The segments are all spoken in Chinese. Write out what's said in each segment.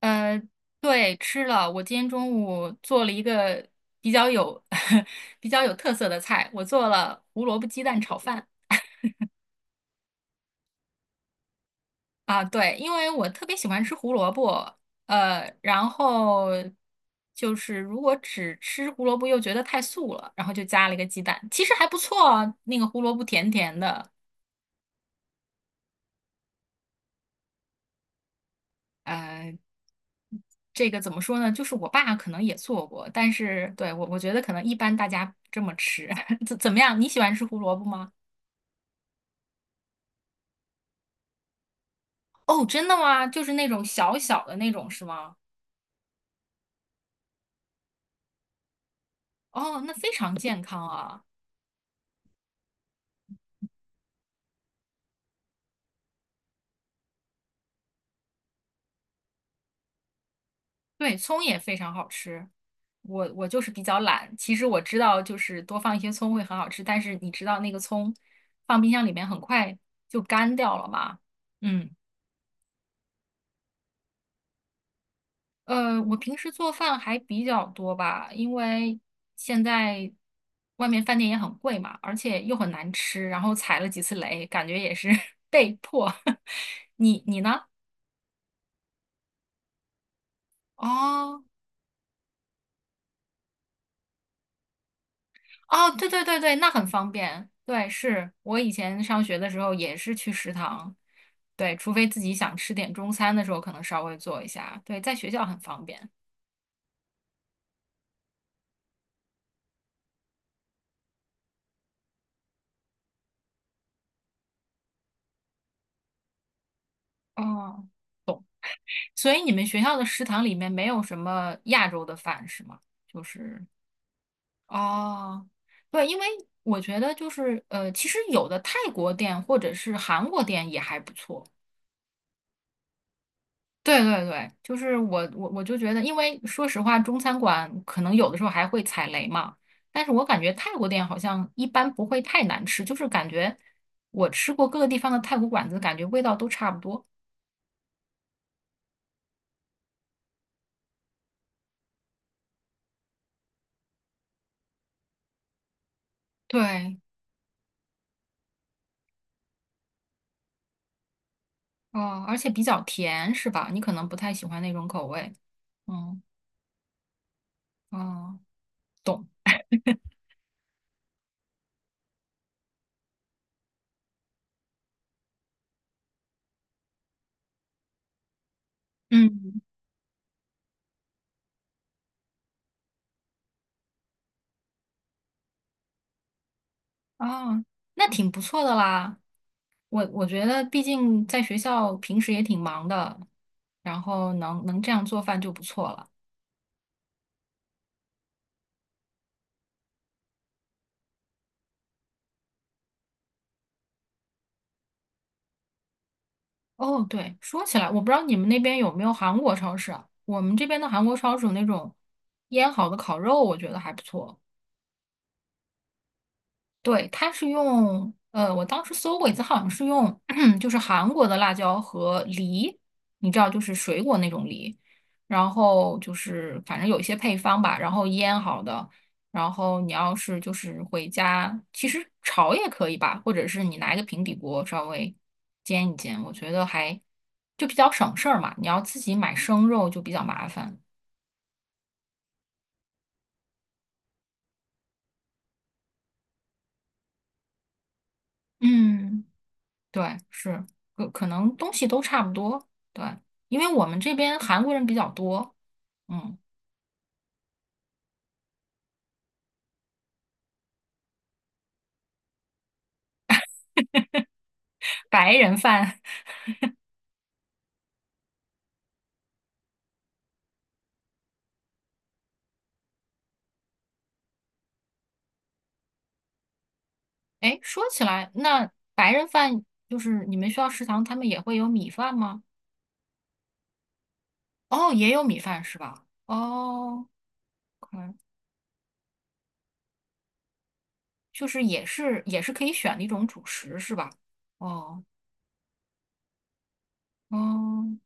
呃，对，吃了。我今天中午做了一个比较有 比较有特色的菜，我做了胡萝卜鸡蛋炒饭啊。对，因为我特别喜欢吃胡萝卜，然后就是如果只吃胡萝卜又觉得太素了，然后就加了一个鸡蛋，其实还不错啊，那个胡萝卜甜甜的。呃，这个怎么说呢？就是我爸可能也做过，但是对我，我觉得可能一般大家不这么吃。怎么样？你喜欢吃胡萝卜吗？哦，真的吗？就是那种小小的那种是吗？哦，那非常健康啊。对，葱也非常好吃。我就是比较懒，其实我知道就是多放一些葱会很好吃，但是你知道那个葱放冰箱里面很快就干掉了嘛。嗯，我平时做饭还比较多吧，因为现在外面饭店也很贵嘛，而且又很难吃，然后踩了几次雷，感觉也是 被迫。你呢？哦。哦，对对对对，那很方便。对，是我以前上学的时候也是去食堂，对，除非自己想吃点中餐的时候，可能稍微做一下。对，在学校很方便。哦，所以你们学校的食堂里面没有什么亚洲的饭是吗？就是，哦，对，因为我觉得就是其实有的泰国店或者是韩国店也还不错。对对对，就是我就觉得，因为说实话，中餐馆可能有的时候还会踩雷嘛，但是我感觉泰国店好像一般不会太难吃，就是感觉我吃过各个地方的泰国馆子，感觉味道都差不多。对，哦，而且比较甜，是吧？你可能不太喜欢那种口味。嗯，哦，懂。嗯，啊，那挺不错的啦。我觉得，毕竟在学校平时也挺忙的，然后能这样做饭就不错了。哦，对，说起来，我不知道你们那边有没有韩国超市啊？我们这边的韩国超市有那种腌好的烤肉，我觉得还不错。对，它是用，我当时搜过一次，好像是用 就是韩国的辣椒和梨，你知道，就是水果那种梨，然后就是反正有一些配方吧，然后腌好的，然后你要是就是回家，其实炒也可以吧，或者是你拿一个平底锅稍微煎一煎，我觉得还就比较省事儿嘛，你要自己买生肉就比较麻烦，嗯。对，是，可能东西都差不多。对，因为我们这边韩国人比较多，嗯，白人饭。哎，说起来，那白人饭就是你们学校食堂他们也会有米饭吗？哦，也有米饭是吧？哦，可能就是也是可以选的一种主食是吧？哦哦，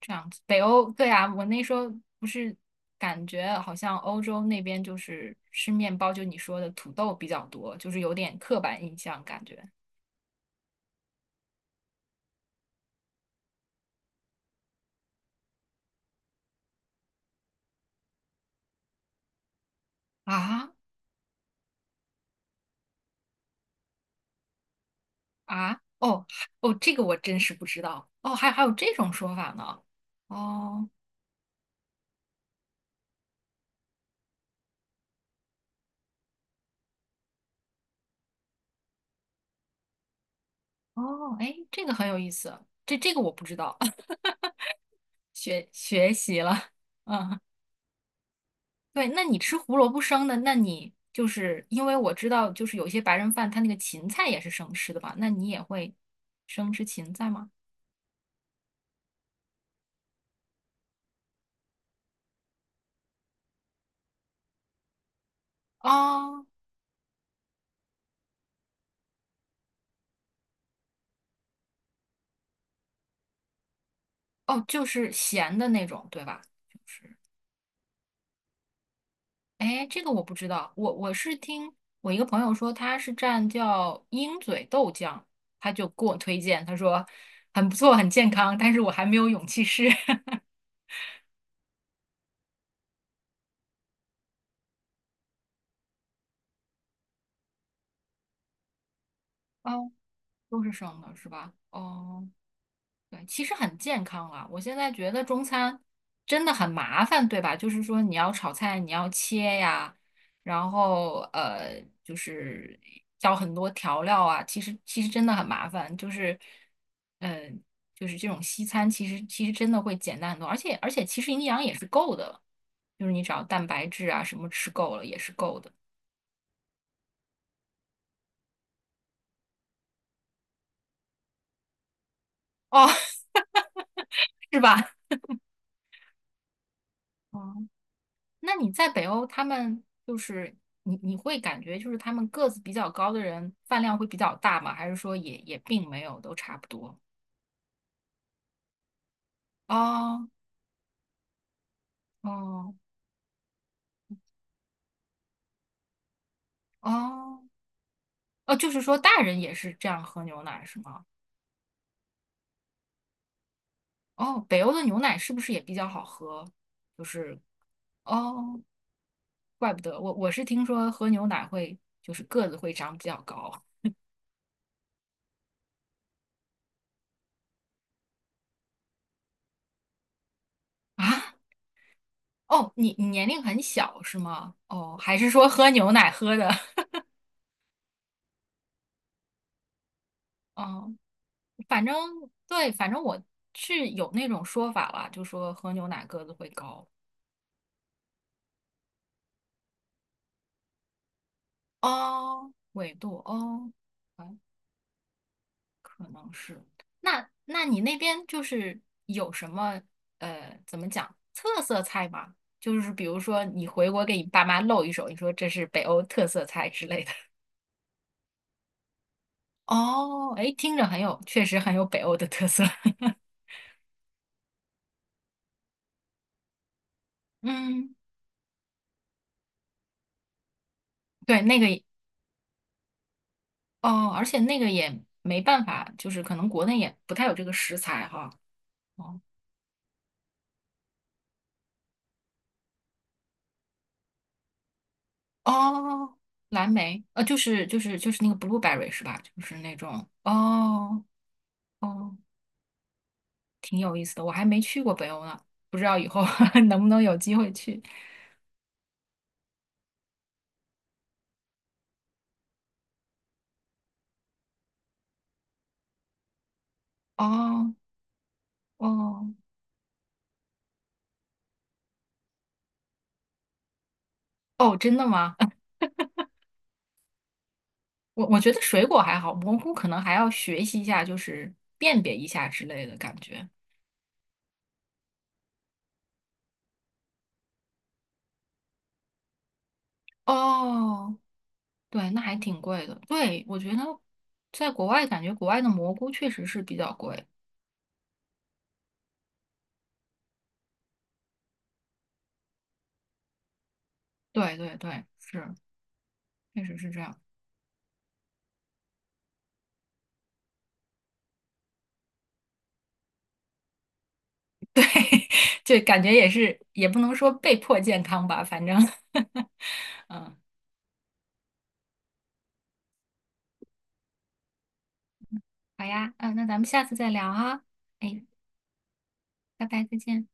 这样子，北欧，对啊，我那时候不是，感觉好像欧洲那边就是吃面包，就你说的土豆比较多，就是有点刻板印象感觉。啊啊，哦哦，这个我真是不知道哦，还有这种说法呢。哦哦，哎，这个很有意思，这个我不知道。学习了，嗯。对，那你吃胡萝卜生的，那你就是因为我知道，就是有些白人饭他那个芹菜也是生吃的吧？那你也会生吃芹菜吗？啊，哦，就是咸的那种，对吧？就是，哎，这个我不知道，我是听我一个朋友说，他是蘸叫鹰嘴豆酱，他就给我推荐，他说很不错，很健康，但是我还没有勇气试。哦，都是生的，是吧？哦。对，其实很健康啊！我现在觉得中餐真的很麻烦，对吧？就是说你要炒菜，你要切呀，然后就是要很多调料啊。其实真的很麻烦，就是嗯，就是这种西餐，其实真的会简单很多，而且其实营养也是够的，就是你只要蛋白质啊什么吃够了也是够的。哦，是吧？那你在北欧，他们就是你会感觉就是他们个子比较高的人饭量会比较大吗？还是说也并没有，都差不多？哦哦哦哦，就是说大人也是这样喝牛奶是吗？哦，北欧的牛奶是不是也比较好喝？就是哦，怪不得我是听说喝牛奶会就是个子会长比较高啊。哦，你年龄很小是吗？哦，还是说喝牛奶喝的？哦。反正对，反正我是有那种说法啦，就说喝牛奶个子会高。哦，纬度哦，哎，可能是。那你那边就是有什么怎么讲特色菜吗？就是比如说你回国给你爸妈露一手，你说这是北欧特色菜之类的。哦，哎，听着很有，确实很有北欧的特色。嗯，对，那个也，哦，而且那个也没办法，就是可能国内也不太有这个食材哈。哦，哦，蓝莓，就是那个 blueberry 是吧？就是那种，哦哦，挺有意思的，我还没去过北欧呢，不知道以后 能不能有机会去。哦哦哦，真的吗？我觉得水果还好，蘑菇可能还要学习一下，就是辨别一下之类的感觉。哦，对，那还挺贵的。对，我觉得在国外感觉国外的蘑菇确实是比较贵。对对对，是，确实是这样。对，就感觉也是，也不能说被迫健康吧，反正，嗯，好呀，嗯，那咱们下次再聊啊，哎，拜拜，再见。